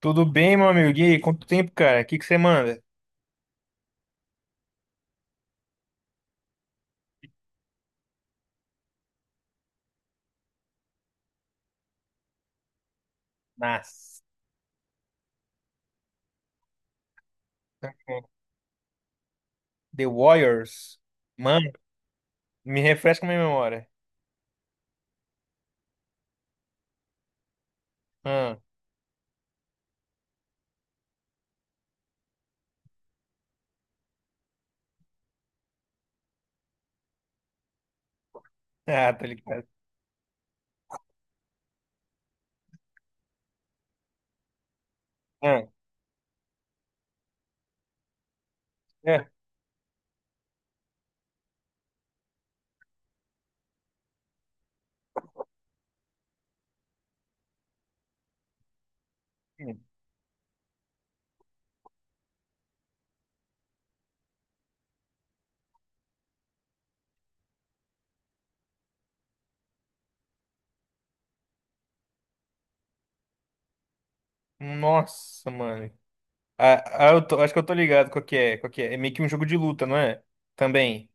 Tudo bem, meu amigo? E aí, quanto tempo, cara? O que você manda? Nossa, The Warriors? Mano, me refresca minha memória. Ah, tá ligado. Ah, é. Nossa, mano. Ah, eu acho que eu tô ligado qual que é, qual que é. É meio que um jogo de luta, não é? Também.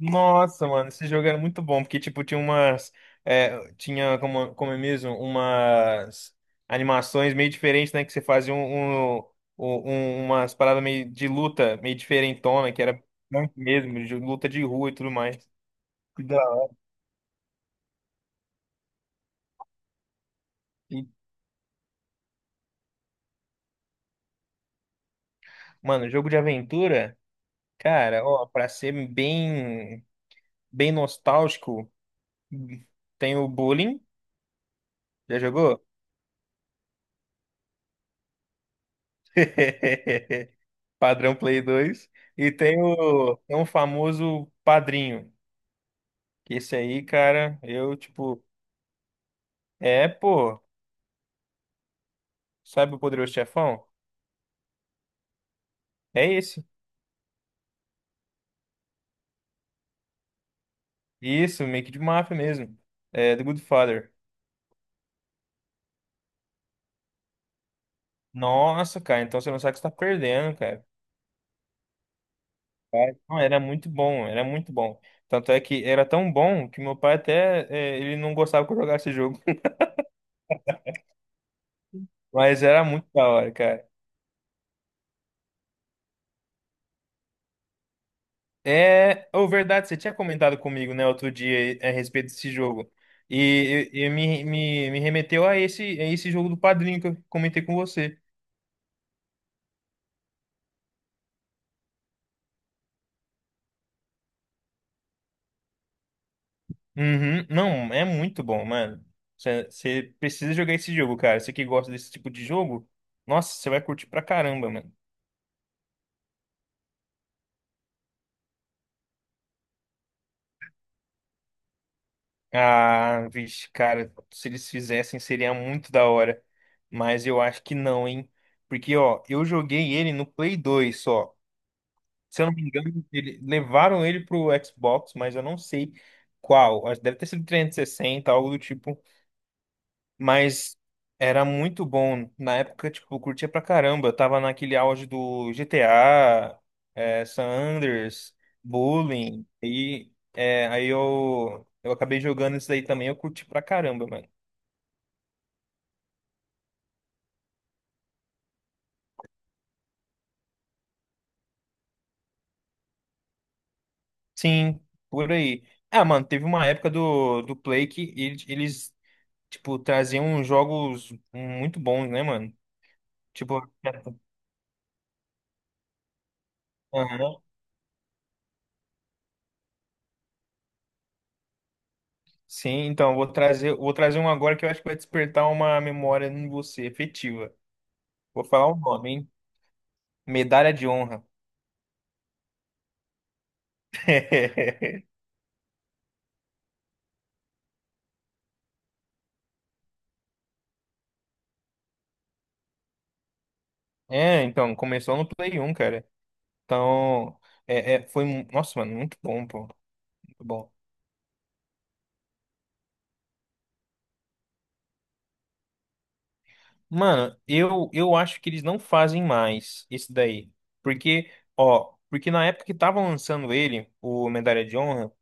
Nossa, mano, esse jogo era muito bom, porque, tipo, tinha umas. É, tinha, como, como é mesmo, umas animações meio diferentes, né? Que você fazia umas paradas meio de luta, meio diferentona, que era punk mesmo, de luta de rua e tudo mais. Que da hora. E, Mano, jogo de aventura, cara, ó, pra ser bem nostálgico, tem o Bullying. Já jogou? Padrão Play dois. E tem tem um famoso Padrinho. Que esse aí, cara, eu, tipo, é, pô, sabe o Poderoso Chefão? É esse. Isso, make de máfia mesmo. É, The Good Father. Nossa, cara, então você não sabe o que você tá perdendo, cara. Não, era muito bom, era muito bom. Tanto é que era tão bom que meu pai até ele não gostava que eu jogasse esse jogo. Mas era muito da hora, cara. É, ou verdade, você tinha comentado comigo, né, outro dia a respeito desse jogo. E me remeteu a esse jogo do Padrinho que eu comentei com você. Uhum. Não, é muito bom, mano. Você precisa jogar esse jogo, cara. Você que gosta desse tipo de jogo, nossa, você vai curtir pra caramba, mano. Ah, vixe, cara, se eles fizessem seria muito da hora. Mas eu acho que não, hein? Porque, ó, eu joguei ele no Play 2 só. Se eu não me engano, ele, levaram ele pro Xbox, mas eu não sei qual. Acho que deve ter sido 360, algo do tipo. Mas era muito bom. Na época, tipo, eu curtia pra caramba. Eu tava naquele auge do GTA, San Andreas, Bullying. Aí eu acabei jogando isso daí também. Eu curti pra caramba, mano. Sim, por aí. Ah, mano, teve uma época do Play que eles traziam jogos muito bons, né, mano? Tipo, aham. Sim, então, vou trazer um agora que eu acho que vai despertar uma memória em você, efetiva. Vou falar o nome, hein? Medalha de honra. É, então, começou no Play 1, cara. Então, foi. Nossa, mano, muito bom, pô. Muito bom. Mano, eu acho que eles não fazem mais esse daí. Porque, ó, porque na época que tava lançando ele, o Medalha de Honra,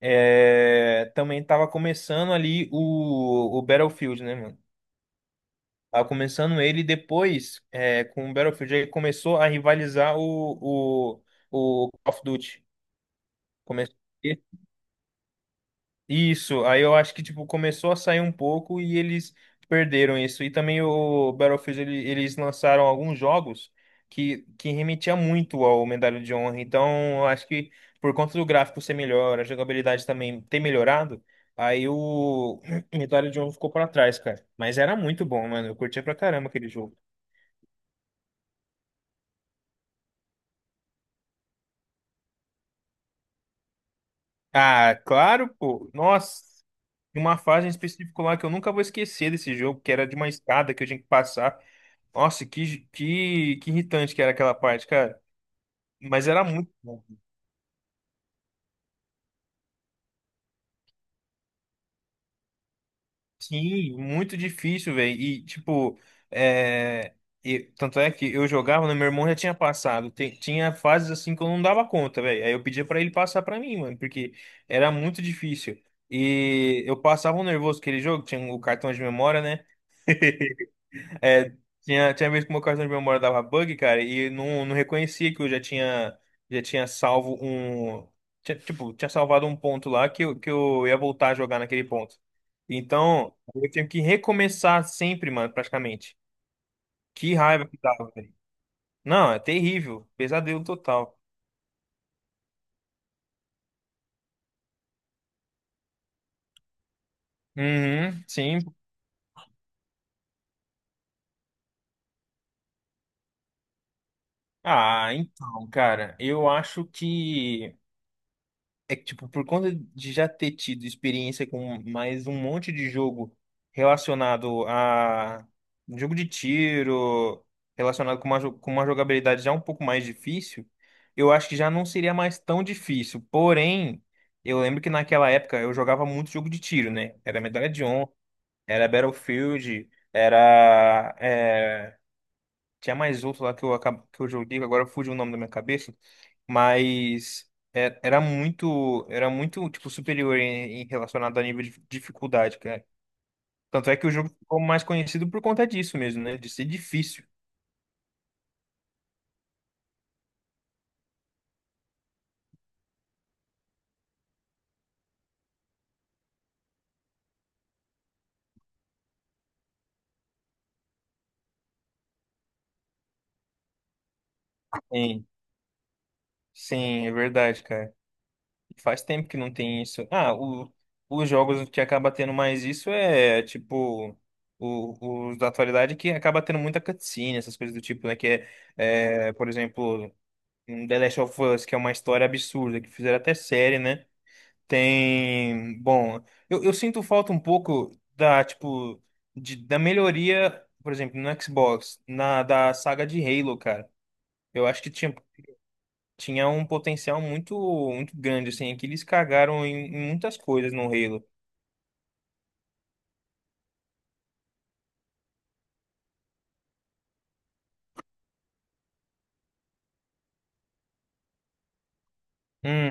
é, também tava começando ali o Battlefield, né, mano? Ah, começando ele, depois, é, com o Battlefield, ele começou a rivalizar o, o Call of Duty. Começou... Isso, aí eu acho que, tipo, começou a sair um pouco e eles perderam isso. E também o Battlefield, eles lançaram alguns jogos que remetia muito ao Medalha de Honra. Então, eu acho que por conta do gráfico ser melhor, a jogabilidade também ter melhorado, aí o Medalha de Honra ficou para trás, cara. Mas era muito bom, mano. Eu curtia pra caramba aquele jogo. Ah, claro, pô. Nossa, tinha uma fase em específico lá que eu nunca vou esquecer desse jogo, que era de uma escada que eu tinha que passar. Nossa, que irritante que era aquela parte, cara. Mas era muito bom. Sim, muito difícil, velho. E, tipo, é... tanto é que eu jogava, né? Meu irmão já tinha passado. Tinha fases assim que eu não dava conta, velho. Aí eu pedia pra ele passar pra mim, mano, porque era muito difícil. E eu passava um nervoso aquele jogo, tinha o cartão de memória, né? É, tinha vez que o meu cartão de memória dava bug, cara, e não reconhecia que eu já tinha salvo um. Tipo, tinha salvado um ponto lá que eu ia voltar a jogar naquele ponto. Então, eu tinha que recomeçar sempre, mano, praticamente. Que raiva que dava, velho. Não, é terrível. Pesadelo total. Uhum, sim. Ah, então, cara, eu acho que. É que, tipo, por conta de já ter tido experiência com mais um monte de jogo relacionado a um jogo de tiro, relacionado com com uma jogabilidade já um pouco mais difícil, eu acho que já não seria mais tão difícil. Porém, eu lembro que naquela época eu jogava muito jogo de tiro, né? Era Medalha de Honra, era Battlefield, era, tinha mais outro lá que que eu joguei, agora fugiu o nome da minha cabeça, mas era muito tipo superior em, em relacionado a nível de dificuldade, cara. Tanto é que o jogo ficou mais conhecido por conta disso mesmo, né? De ser difícil. Sim, sim, é verdade, cara. Faz tempo que não tem isso. Ah, o, os jogos que acaba tendo mais isso é tipo os da atualidade que acaba tendo muita cutscene, essas coisas do tipo, né? Por exemplo, um The Last of Us, que é uma história absurda, que fizeram até série, né? Tem, bom, eu sinto falta um pouco da, tipo, da melhoria, por exemplo, no Xbox, na da saga de Halo, cara. Eu acho que tinha um potencial muito grande, assim, é que eles cagaram em muitas coisas no Halo. Hum,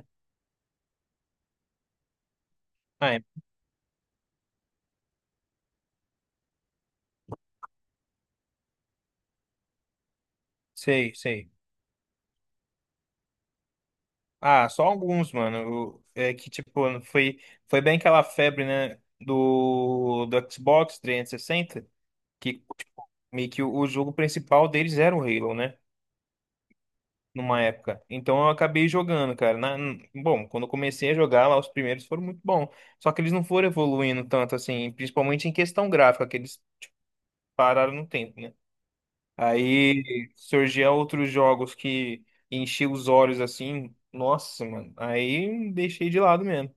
ah, é, sei, sei. Ah, só alguns, mano. É que, tipo, foi bem aquela febre, né, do Xbox 360, que, tipo, meio que o jogo principal deles era o Halo, né? Numa época. Então eu acabei jogando, cara. Bom, quando eu comecei a jogar lá, os primeiros foram muito bons. Só que eles não foram evoluindo tanto assim, principalmente em questão gráfica, que eles pararam no tempo, né? Aí surgiam outros jogos que enchiam os olhos assim. Nossa, mano. Aí deixei de lado mesmo.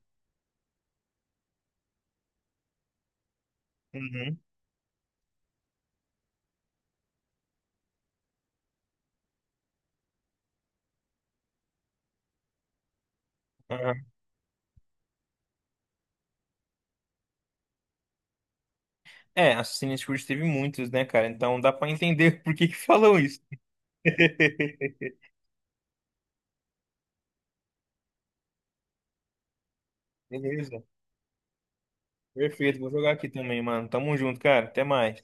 Uhum, aham. É, Assassin's Creed teve muitos, né, cara? Então dá pra entender por que que falam isso. Beleza. Perfeito. Vou jogar aqui também, mano. Tamo junto, cara. Até mais.